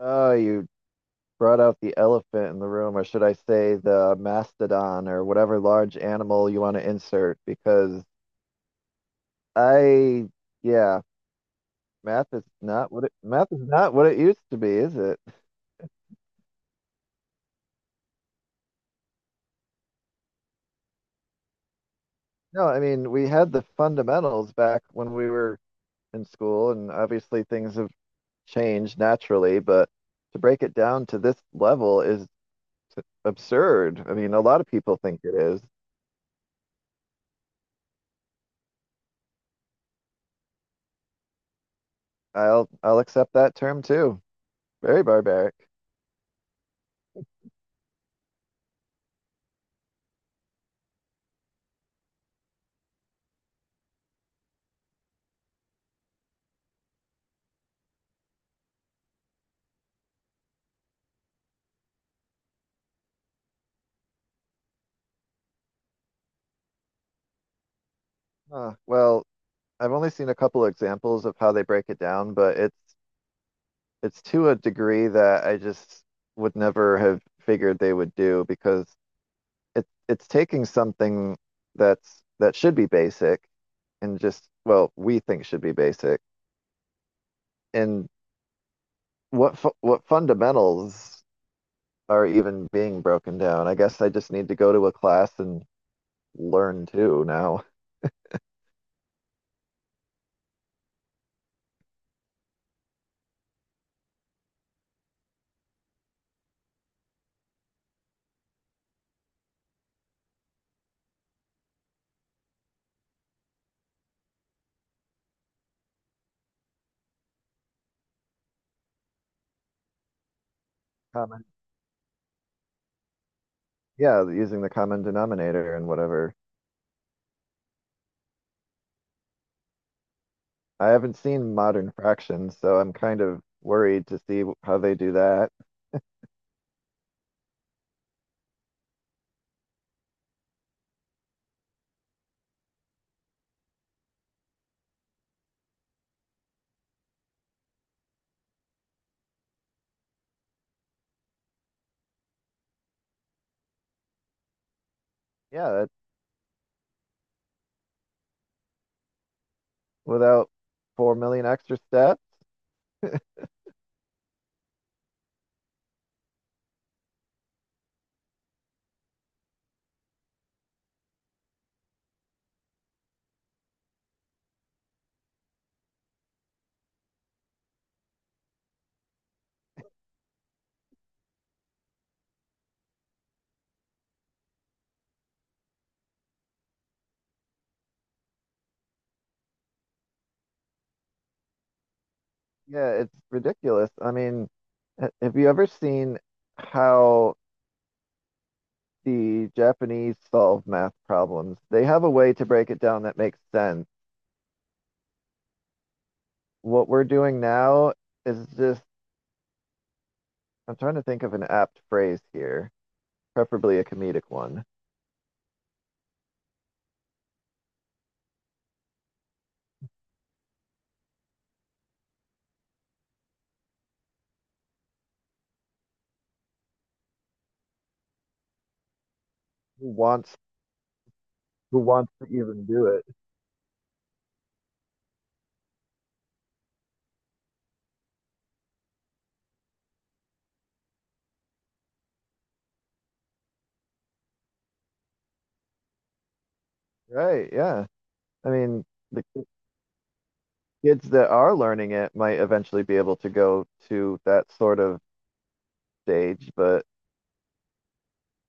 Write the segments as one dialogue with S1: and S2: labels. S1: Oh, you brought out the elephant in the room, or should I say the mastodon or whatever large animal you want to insert, because I, yeah, math is not what it used to be, is it? No, I mean, we had the fundamentals back when we were in school, and obviously things have changed naturally, but to break it down to this level is absurd. I mean, a lot of people think it is. I'll accept that term too. Very barbaric. Huh. Well, I've only seen a couple examples of how they break it down, but it's to a degree that I just would never have figured they would do because it's taking something that should be basic and just, well, we think should be basic, and what fundamentals are even being broken down. I guess I just need to go to a class and learn too now. Common. Yeah, using the common denominator and whatever. I haven't seen Modern Fractions, so I'm kind of worried to see how they do that. Yeah, that, without 4 million extra steps. Yeah, it's ridiculous. I mean, have you ever seen how the Japanese solve math problems? They have a way to break it down that makes sense. What we're doing now is just, I'm trying to think of an apt phrase here, preferably a comedic one. Who wants who wants to even do it? Right, yeah. I mean, the kids that are learning it might eventually be able to go to that sort of stage, but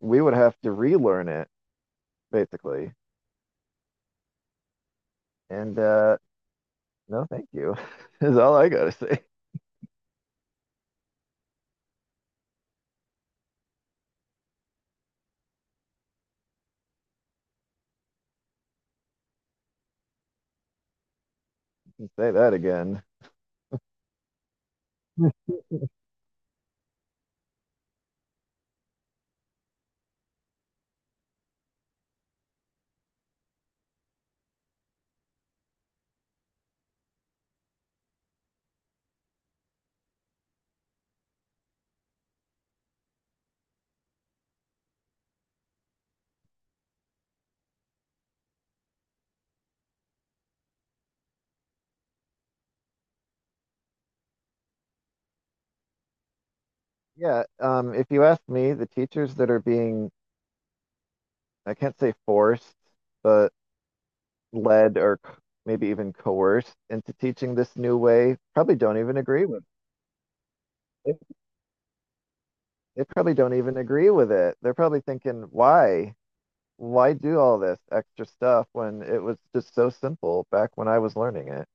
S1: we would have to relearn it basically. And no, thank you is all I gotta say. Say that again. Yeah, if you ask me, the teachers that are being, I can't say forced, but led or maybe even coerced into teaching this new way, probably don't even agree with it. They they probably don't even agree with it. They're probably thinking, why? Why do all this extra stuff when it was just so simple back when I was learning it?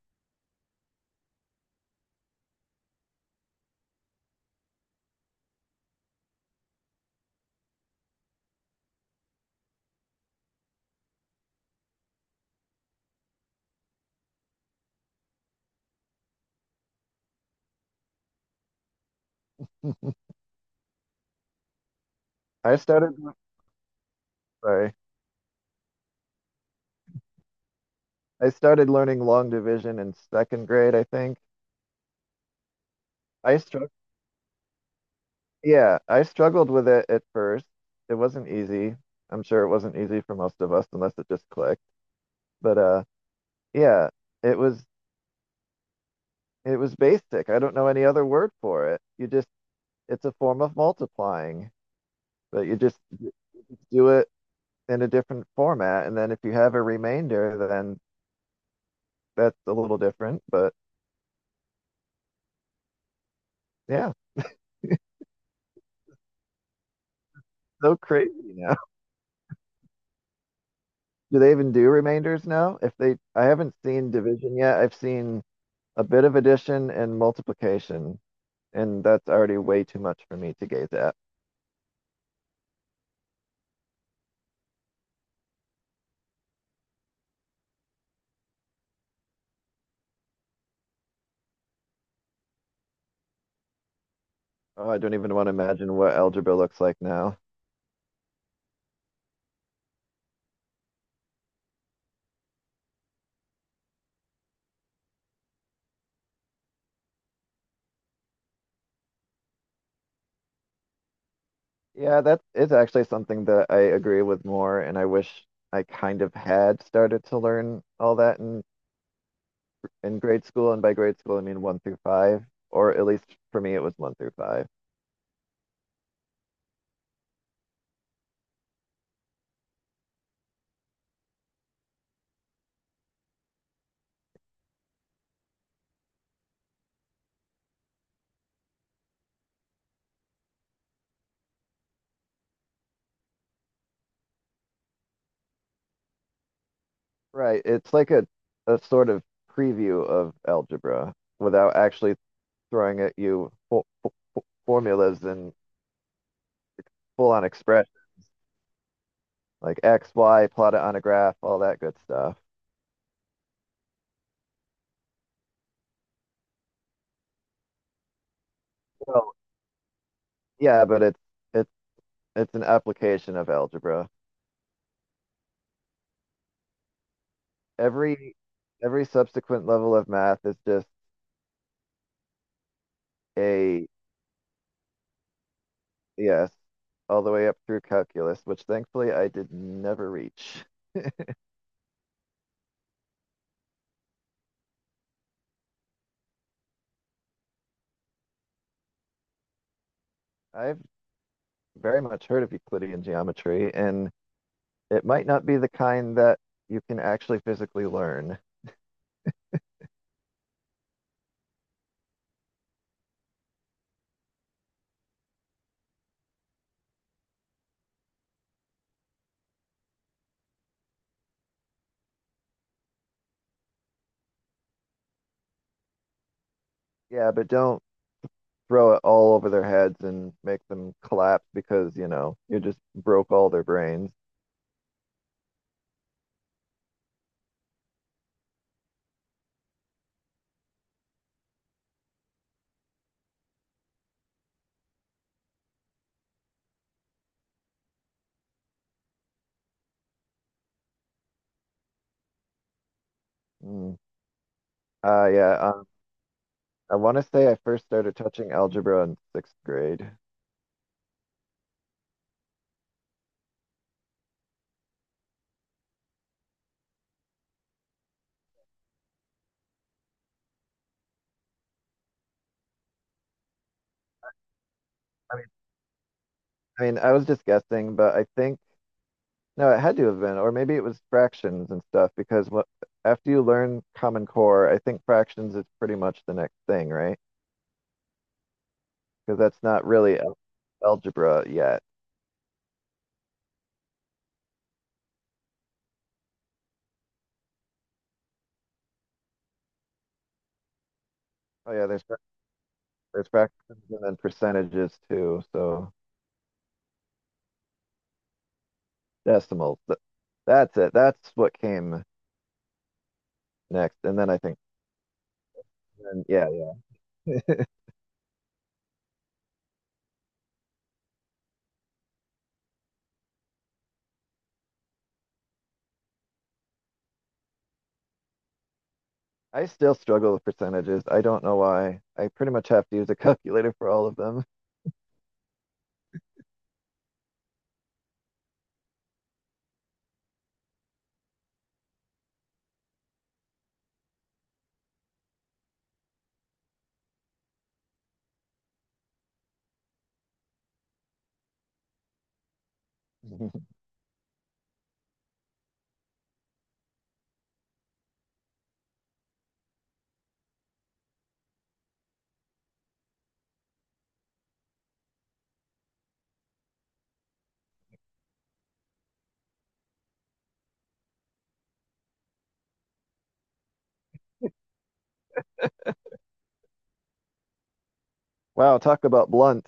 S1: I started, sorry, I started learning long division in second grade, I think. I struggled, yeah, I struggled with it at first. It wasn't easy. I'm sure it wasn't easy for most of us unless it just clicked. But yeah, it was it was basic. I don't know any other word for it. You just it's a form of multiplying, but you just do it in a different format. And then if you have a remainder, then that's a little different, but yeah, so crazy now. Do they even do remainders now? If they, I haven't seen division yet. I've seen a bit of addition and multiplication, and that's already way too much for me to gaze at. Oh, I don't even want to imagine what algebra looks like now. Yeah, that is actually something that I agree with more, and I wish I kind of had started to learn all that in grade school. And by grade school, I mean one through five, or at least for me, it was one through five. Right. It's like a sort of preview of algebra without actually throwing at you fo formulas and full on expression like x, y, plotted on a graph, all that good stuff. Well, yeah, but it's it's an application of algebra. Every every subsequent level of math is just a yes, all the way up through calculus, which thankfully I did never reach. I've very much heard of Euclidean geometry, and it might not be the kind that you can actually physically learn. Yeah, but don't throw it all over their heads and make them collapse because, you know, you just broke all their brains. Mm. Yeah, I want to say I first started touching algebra in sixth grade. I mean, I mean, I was just guessing, but I think no, it had to have been, or maybe it was fractions and stuff, because what after you learn Common Core, I think fractions is pretty much the next thing, right? Because that's not really algebra yet. Oh yeah, there's. There's fractions and then percentages too, so decimals. That's it. That's what came next. And then I think, and yeah, yeah. I still struggle with percentages. I don't know why. I pretty much have to use a calculator for all of them. Wow, talk about blunt.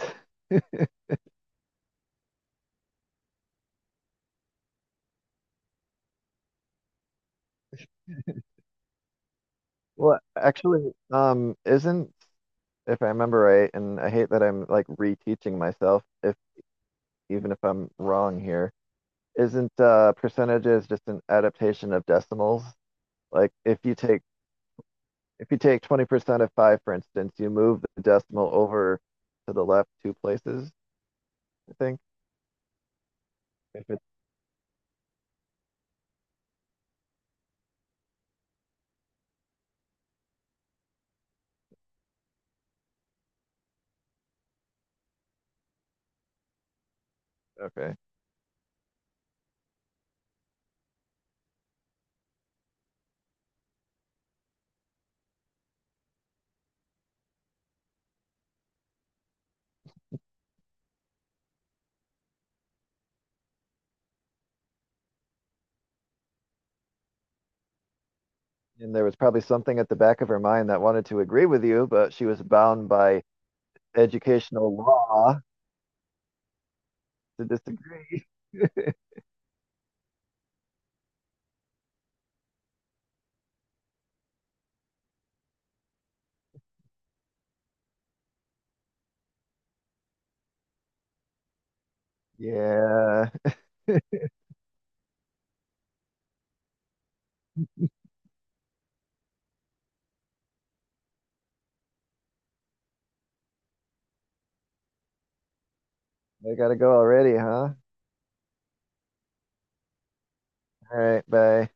S1: Well, actually, isn't, if I remember right, and I hate that I'm like reteaching myself, if even if I'm wrong here, isn't percentages just an adaptation of decimals? Like if you take 20% of 5, for instance, you move the decimal over to the left two places, I think. If it's Okay. And there was probably something at the back of her mind that wanted to agree with you, but she was bound by educational law to disagree. Yeah, I gotta go already, huh? Alright, bye.